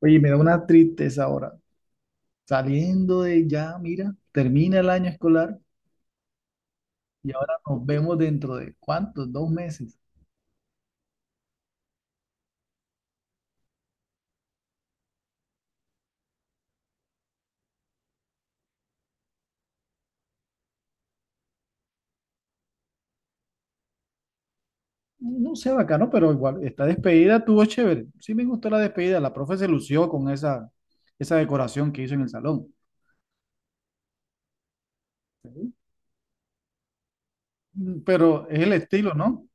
Oye, me da una tristeza ahora. Saliendo de ya, mira, termina el año escolar y ahora nos vemos dentro de ¿cuántos? 2 meses. No sé, bacano, pero igual, esta despedida tuvo chévere. Sí me gustó la despedida. La profe se lució con esa decoración que hizo en el salón. Pero es el estilo, ¿no?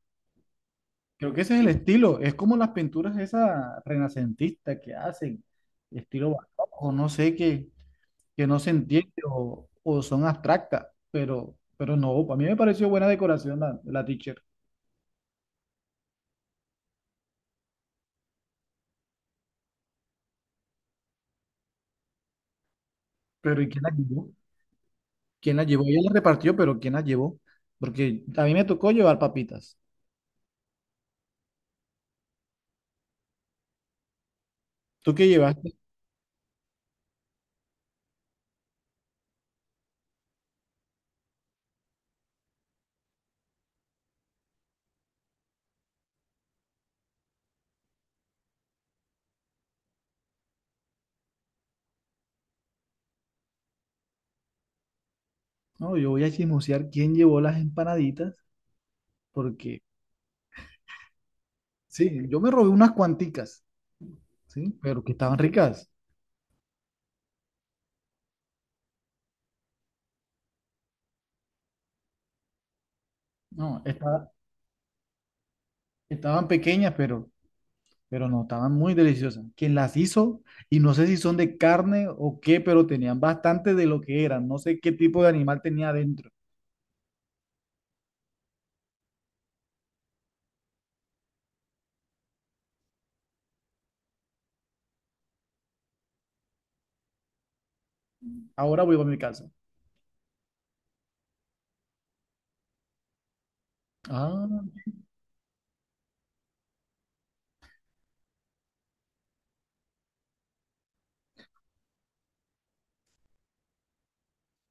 Creo que ese es el estilo. Es como las pinturas esas renacentistas que hacen, estilo barroco, no sé qué, que no se entiende o son abstractas, pero no, a mí me pareció buena decoración la teacher. Pero ¿y quién la llevó? ¿Quién la llevó? Ella la repartió, pero ¿quién la llevó? Porque a mí me tocó llevar papitas. ¿Tú qué llevaste? No, yo voy a chismosear quién llevó las empanaditas, porque sí, yo me robé unas cuanticas, ¿sí? Pero que estaban ricas. No, esta- Estaban pequeñas, pero no, estaban muy deliciosas. Quien las hizo, y no sé si son de carne o qué, pero tenían bastante de lo que eran. No sé qué tipo de animal tenía adentro. Ahora voy a mi casa. Ah,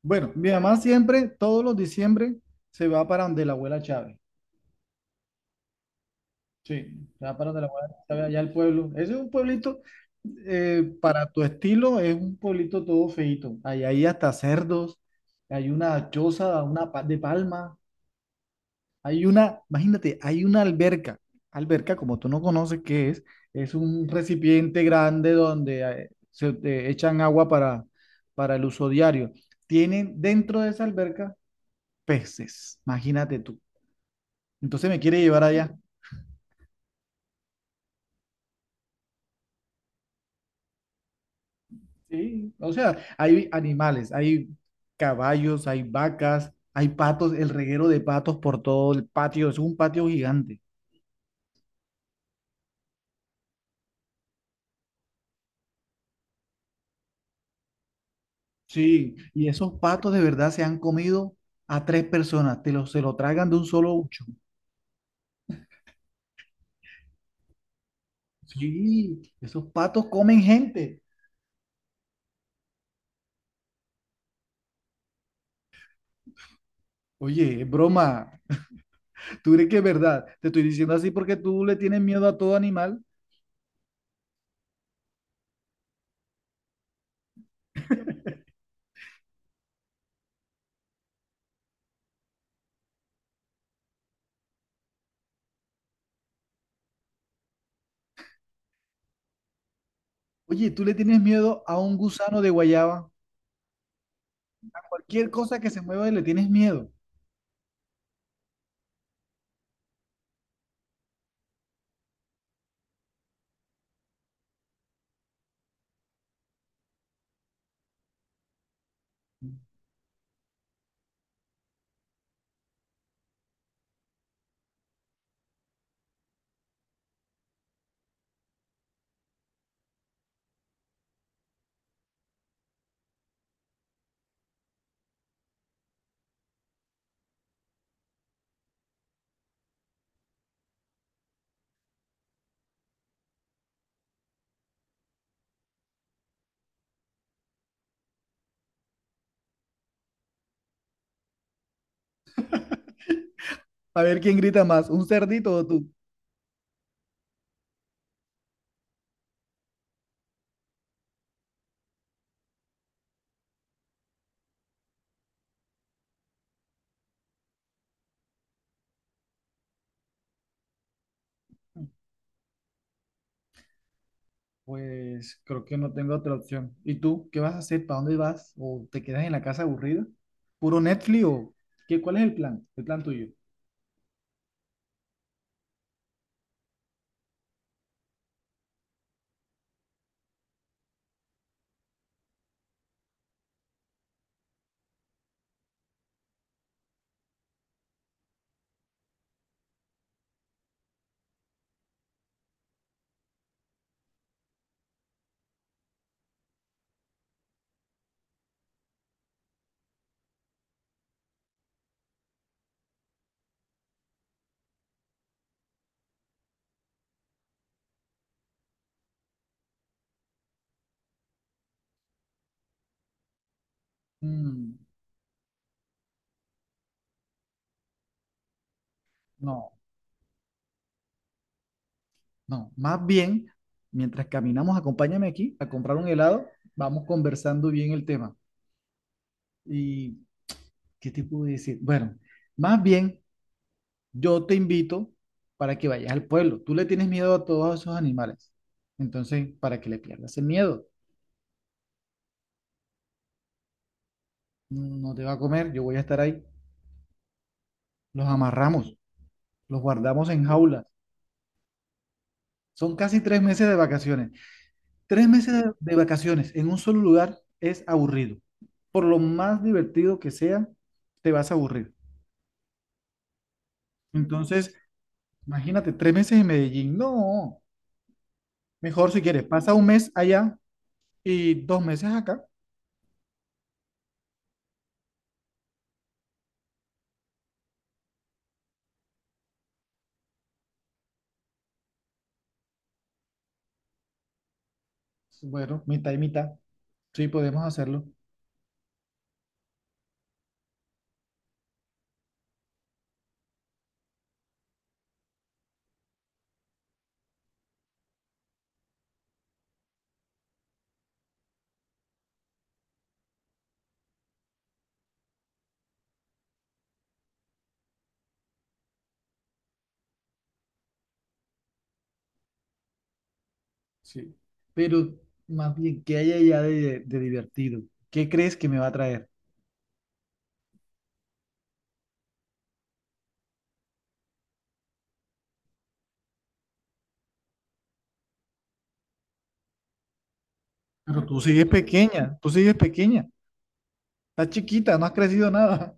bueno, mi mamá siempre, todos los diciembre, se va para donde la abuela Chávez. Sí, se va para donde la abuela Chávez, allá al pueblo. Ese es un pueblito, para tu estilo, es un pueblito todo feito. Hay hasta cerdos, hay una choza, de palma. Hay una, imagínate, hay una alberca. Alberca, como tú no conoces qué es un recipiente grande donde se echan agua para el uso diario. Tienen dentro de esa alberca peces, imagínate tú. Entonces me quiere llevar allá. Sí, o sea, hay animales, hay caballos, hay vacas, hay patos, el reguero de patos por todo el patio, es un patio gigante. Sí, y esos patos de verdad se han comido a tres personas, se lo tragan de un solo ucho. Sí, esos patos comen gente. Oye, es broma. ¿Tú crees que es verdad? Te estoy diciendo así porque tú le tienes miedo a todo animal. Oye, tú le tienes miedo a un gusano de guayaba. A cualquier cosa que se mueva le tienes miedo. A ver quién grita más, un cerdito o tú. Pues creo que no tengo otra opción. ¿Y tú qué vas a hacer? ¿Para dónde vas? ¿O te quedas en la casa aburrida? ¿Puro Netflix o qué? ¿Cuál es el plan? ¿El plan tuyo? Mm, no, no. Más bien, mientras caminamos, acompáñame aquí a comprar un helado. Vamos conversando bien el tema. ¿Y qué te puedo decir? Bueno, más bien, yo te invito para que vayas al pueblo. Tú le tienes miedo a todos esos animales. Entonces, para que le pierdas el miedo, no te va a comer, yo voy a estar ahí. Los amarramos, los guardamos en jaulas. Son casi 3 meses de vacaciones. 3 meses de vacaciones en un solo lugar es aburrido. Por lo más divertido que sea, te vas a aburrir. Entonces, imagínate, 3 meses en Medellín. No, mejor si quieres, pasa un mes allá y 2 meses acá. Bueno, mitad y mitad. Sí, podemos hacerlo. Sí. Pero más bien, ¿qué hay allá de divertido? ¿Qué crees que me va a traer? Pero tú sigues pequeña, estás chiquita, no has crecido nada.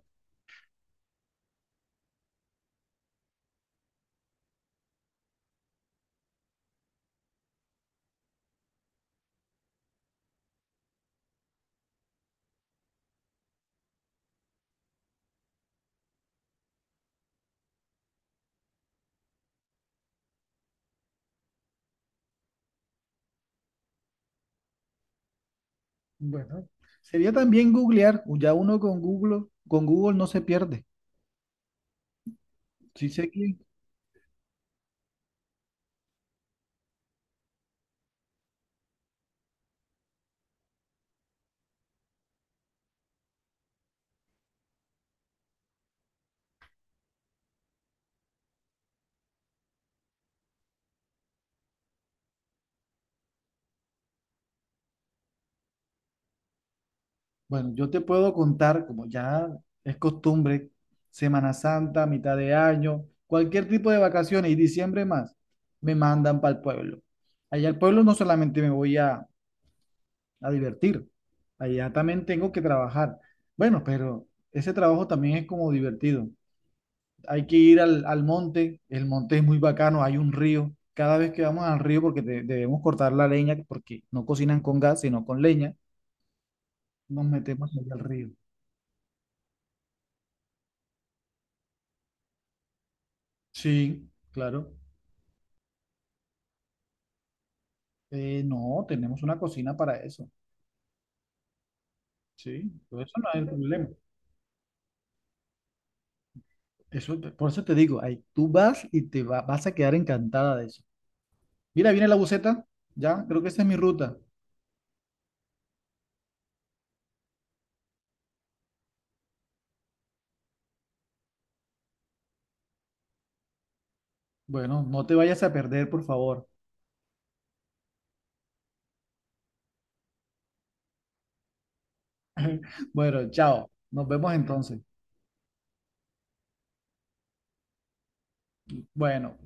Bueno, sería también googlear, o ya uno con Google no se pierde. Sí sé que, bueno, yo te puedo contar, como ya es costumbre, Semana Santa, mitad de año, cualquier tipo de vacaciones y diciembre más, me mandan para el pueblo. Allá al pueblo no solamente me voy a divertir, allá también tengo que trabajar. Bueno, pero ese trabajo también es como divertido. Hay que ir al monte, el monte es muy bacano, hay un río. Cada vez que vamos al río, porque debemos cortar la leña, porque no cocinan con gas, sino con leña, nos metemos allá al río. Sí, claro. No, tenemos una cocina para eso. Sí, por eso no hay el problema. Eso, por eso te digo, ahí tú vas y vas a quedar encantada de eso. Mira, viene la buceta, ya, creo que esa es mi ruta. Bueno, no te vayas a perder, por favor. Bueno, chao. Nos vemos entonces. Bueno.